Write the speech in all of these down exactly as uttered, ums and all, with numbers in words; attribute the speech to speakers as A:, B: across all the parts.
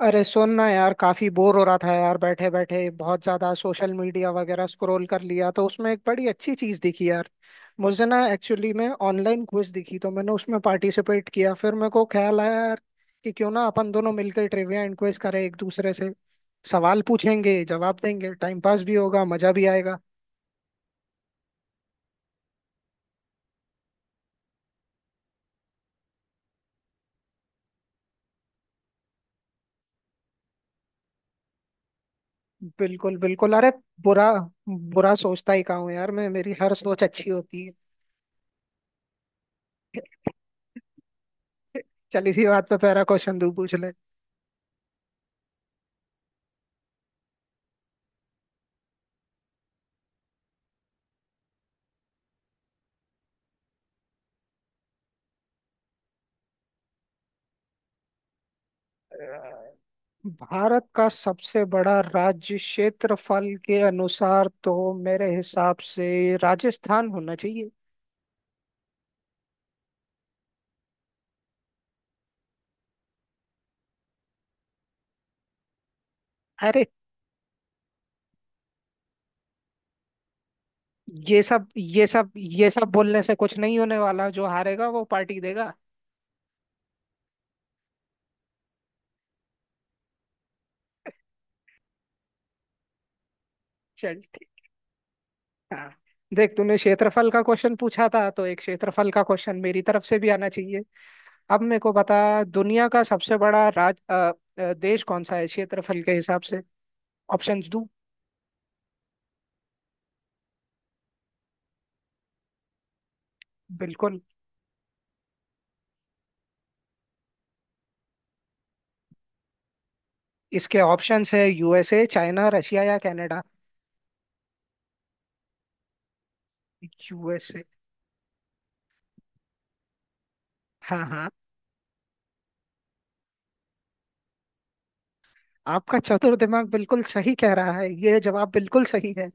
A: अरे सुन ना यार, काफी बोर हो रहा था यार, बैठे बैठे बहुत ज्यादा सोशल मीडिया वगैरह स्क्रॉल कर लिया तो उसमें एक बड़ी अच्छी चीज दिखी यार। मुझे ना एक्चुअली में ऑनलाइन क्विज दिखी, तो मैंने उसमें पार्टिसिपेट किया। फिर मेरे को ख्याल आया यार कि क्यों ना अपन दोनों मिलकर ट्रिविया एंड क्विज करें एक दूसरे से। सवाल पूछेंगे, जवाब देंगे, टाइम पास भी होगा, मजा भी आएगा। बिल्कुल बिल्कुल। अरे, बुरा बुरा सोचता ही कहाँ हूँ यार मैं। मेरी हर सोच अच्छी होती है। चल, इसी बात पे पहला क्वेश्चन तू पूछ ले। भारत का सबसे बड़ा राज्य क्षेत्रफल के अनुसार, तो मेरे हिसाब से राजस्थान होना चाहिए। अरे, ये सब ये सब ये सब बोलने से कुछ नहीं होने वाला। जो हारेगा वो पार्टी देगा। चल ठीक। हाँ, देख, तूने क्षेत्रफल का क्वेश्चन पूछा था तो एक क्षेत्रफल का क्वेश्चन मेरी तरफ से भी आना चाहिए। अब मेरे को बता, दुनिया का सबसे बड़ा राज अ, अ, देश कौन सा है क्षेत्रफल के हिसाब से? ऑप्शंस दूं? बिल्कुल। इसके ऑप्शंस है यूएसए, चाइना, रशिया या कनाडा। यूएसए। हाँ हाँ, आपका चतुर दिमाग बिल्कुल सही कह रहा है, ये जवाब बिल्कुल सही है।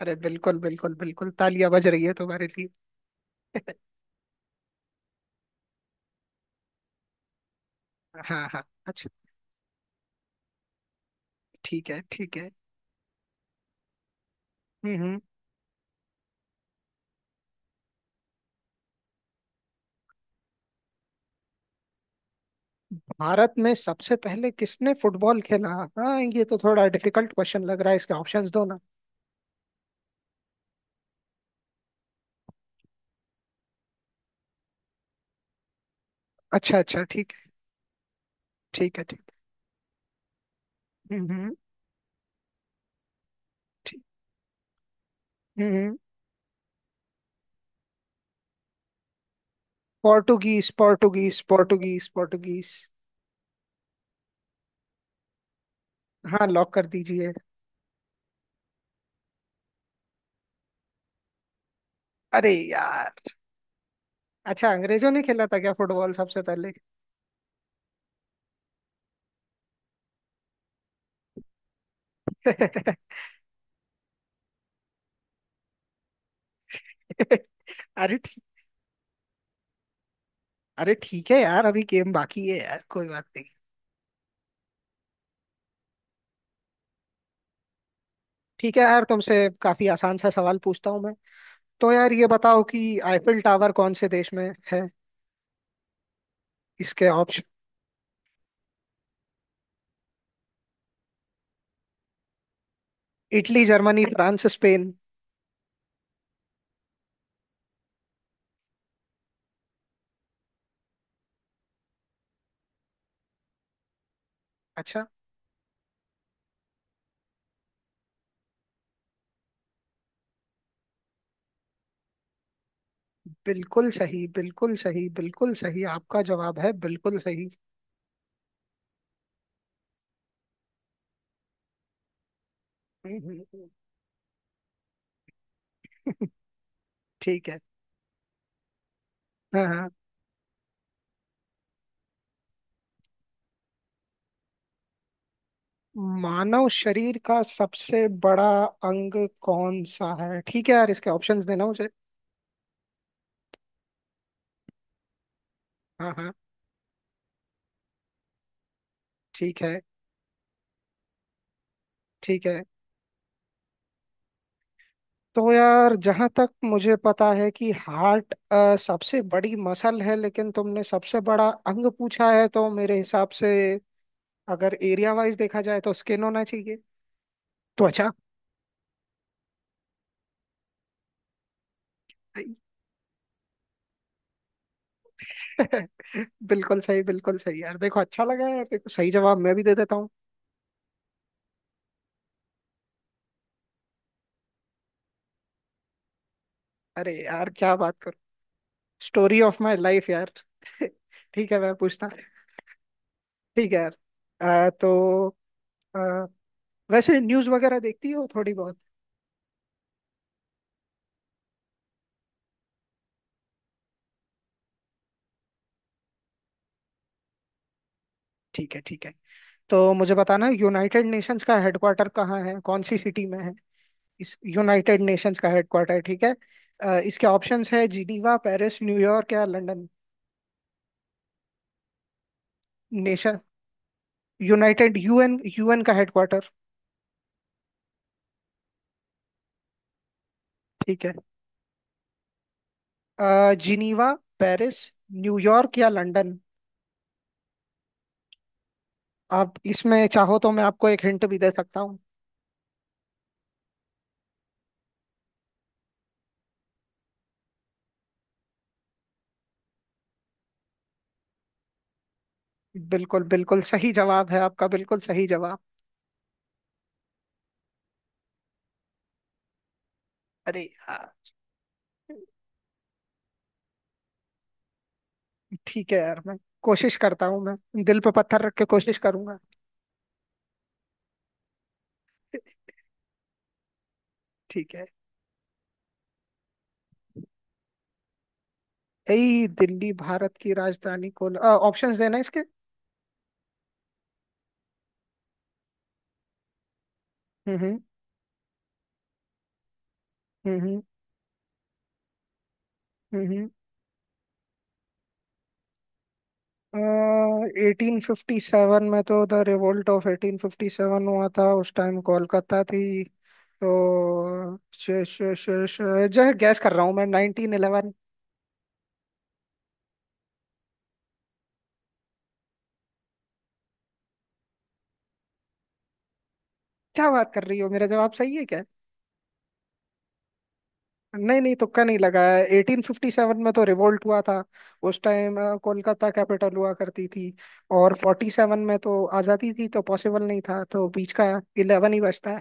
A: अरे बिल्कुल बिल्कुल बिल्कुल, तालियां बज रही है तुम्हारे लिए। हाँ हाँ, अच्छा। ठीक है ठीक है। हम्म हम्म। भारत में सबसे पहले किसने फुटबॉल खेला? हाँ, ये तो थोड़ा डिफिकल्ट क्वेश्चन लग रहा है, इसके ऑप्शंस दो ना। अच्छा अच्छा, ठीक है। ठीक है ठीक है। हम्म हम्म। ठीक। हम्म हम्म। Portuguese, Portuguese, Portuguese, Portuguese. हाँ, लॉक कर दीजिए। अरे यार। अच्छा, अंग्रेजों ने खेला था क्या फुटबॉल सबसे पहले? अरे ठीक। अरे ठीक है यार, अभी गेम बाकी है यार, कोई बात नहीं। ठीक है यार, तुमसे काफी आसान सा सवाल पूछता हूँ मैं। तो यार, ये बताओ कि आईफिल टावर कौन से देश में है? इसके option: Italy, Germany, France, Spain. अच्छा। बिल्कुल सही, बिल्कुल सही, बिल्कुल सही, आपका जवाब है बिल्कुल सही। हम्म, हम्म। ठीक है। हाँ हाँ, मानव शरीर का सबसे बड़ा अंग कौन सा है? ठीक है यार, इसके ऑप्शंस देना मुझे। हाँ हाँ। ठीक है ठीक है। तो यार, जहाँ तक मुझे पता है कि हार्ट अ, सबसे बड़ी मसल है, लेकिन तुमने सबसे बड़ा अंग पूछा है, तो मेरे हिसाब से अगर एरिया वाइज देखा जाए तो स्किन होना चाहिए। त्वचा। सही। बिल्कुल सही, बिल्कुल सही यार। देखो, अच्छा लगा यार। देखो, सही जवाब मैं भी दे देता हूँ। अरे यार, क्या बात करूँ, स्टोरी ऑफ माई लाइफ यार। ठीक है, मैं पूछता। ठीक है यार। अ, तो अ, वैसे न्यूज़ वगैरह देखती हो थोड़ी बहुत? ठीक है ठीक है। तो मुझे बताना, यूनाइटेड नेशंस का हेडक्वार्टर कहाँ है, कौन सी सिटी में है? इस यूनाइटेड नेशंस का हेडक्वार्टर। ठीक है। अ, इसके ऑप्शंस है जिनीवा, पेरिस, न्यूयॉर्क या London. Nation, united, UN UN का हेडक्वार्टर। ठीक है। अ, जिनीवा, पेरिस, न्यूयॉर्क या लंदन। आप इसमें चाहो तो मैं आपको एक हिंट भी दे सकता हूँ। बिल्कुल, बिल्कुल सही जवाब है आपका, बिल्कुल सही जवाब। अरे यार। ठीक है यार, मैं कोशिश करता हूँ, मैं दिल पे पत्थर रख के कोशिश करूंगा। ठीक है। यही दिल्ली भारत की राजधानी को? ऑप्शंस देना इसके। हम्म। हम्म। हम्म। एटीन फिफ्टी सेवन में तो the revolt of eighteen fifty seven हुआ था, उस टाइम कोलकाता थी। तो श, श, श, श, जो है, गैस कर रहा हूँ मैं, नाइनटीन इलेवन। क्या बात कर रही हो, मेरा जवाब सही है क्या? नहीं नहीं, तुक्का नहीं लगाया। एटीन फिफ्टी सेवन में तो रिवोल्ट हुआ था, उस टाइम अ, कोलकाता कैपिटल हुआ करती थी। और फ़ोर्टी सेवन में तो आज़ादी थी, तो पॉसिबल नहीं था, तो बीच का इलेवन ही बचता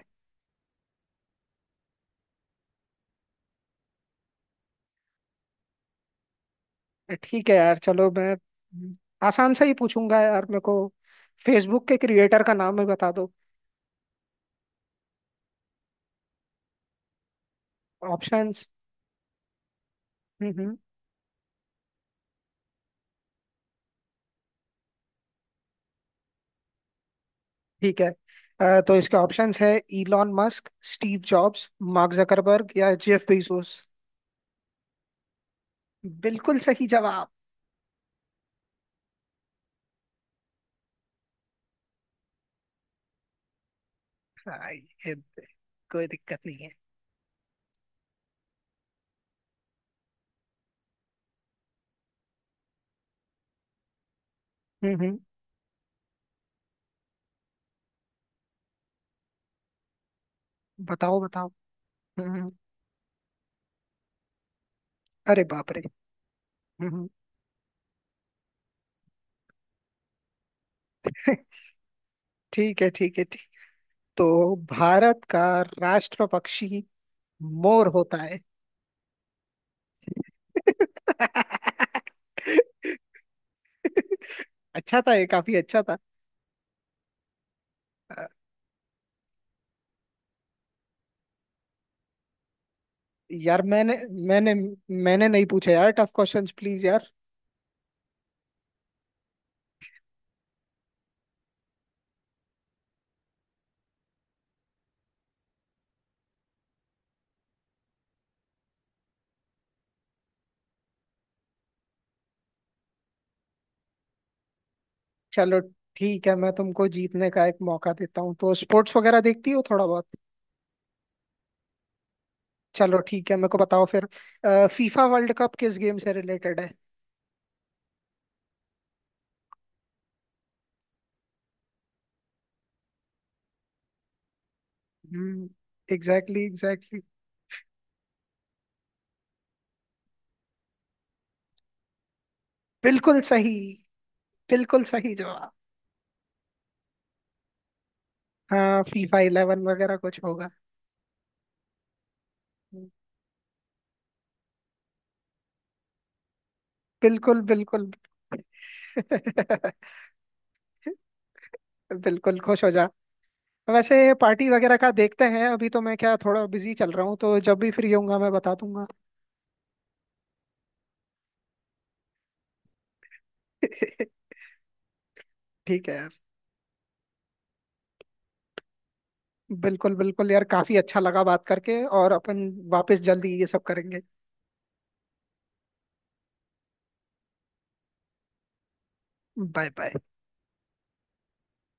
A: है। ठीक है यार, चलो मैं हम्म, आसान सा ही पूछूंगा यार। मेरे को फेसबुक के क्रिएटर का नाम ही बता दो। ऑप्शंस। हम्म हम्म, ठीक है। अ, तो इसके ऑप्शंस है Elon Musk, Steve Jobs, Mark Zuckerberg या जेफ बेजोस। बिल्कुल सही जवाब। हाँ, ये कोई दिक्कत नहीं है। हम्म हम्म। बताओ बताओ। हम्म हम्म। अरे बाप रे। हम्म हम्म। ठीक है ठीक है, ठीक। तो भारत का राष्ट्र पक्षी मोर होता है। अच्छा था, ये काफी अच्छा था। अ, यार, मैंने मैंने मैंने नहीं पूछा यार टफ क्वेश्चंस, प्लीज यार। चलो ठीक है, मैं तुमको जीतने का एक मौका देता हूँ। तो स्पोर्ट्स वगैरह देखती हो थोड़ा बहुत? चलो ठीक है, मेरे को बताओ फिर। फीफा वर्ल्ड कप किस गेम से रिलेटेड है? हम्म। Exactly exactly. बिल्कुल सही, बिल्कुल सही जवाब। हाँ, फीफा इलेवन वगैरह कुछ होगा। बिल्कुल बिल्कुल। बिल्कुल, खुश हो जा। वैसे पार्टी वगैरह का देखते हैं, अभी तो मैं क्या, थोड़ा बिजी चल रहा हूँ, तो जब भी फ्री होऊंगा मैं बता दूंगा। ठीक है यार। बिल्कुल बिल्कुल यार, काफी अच्छा लगा बात करके, और अपन वापस जल्दी ये सब करेंगे। Bye bye.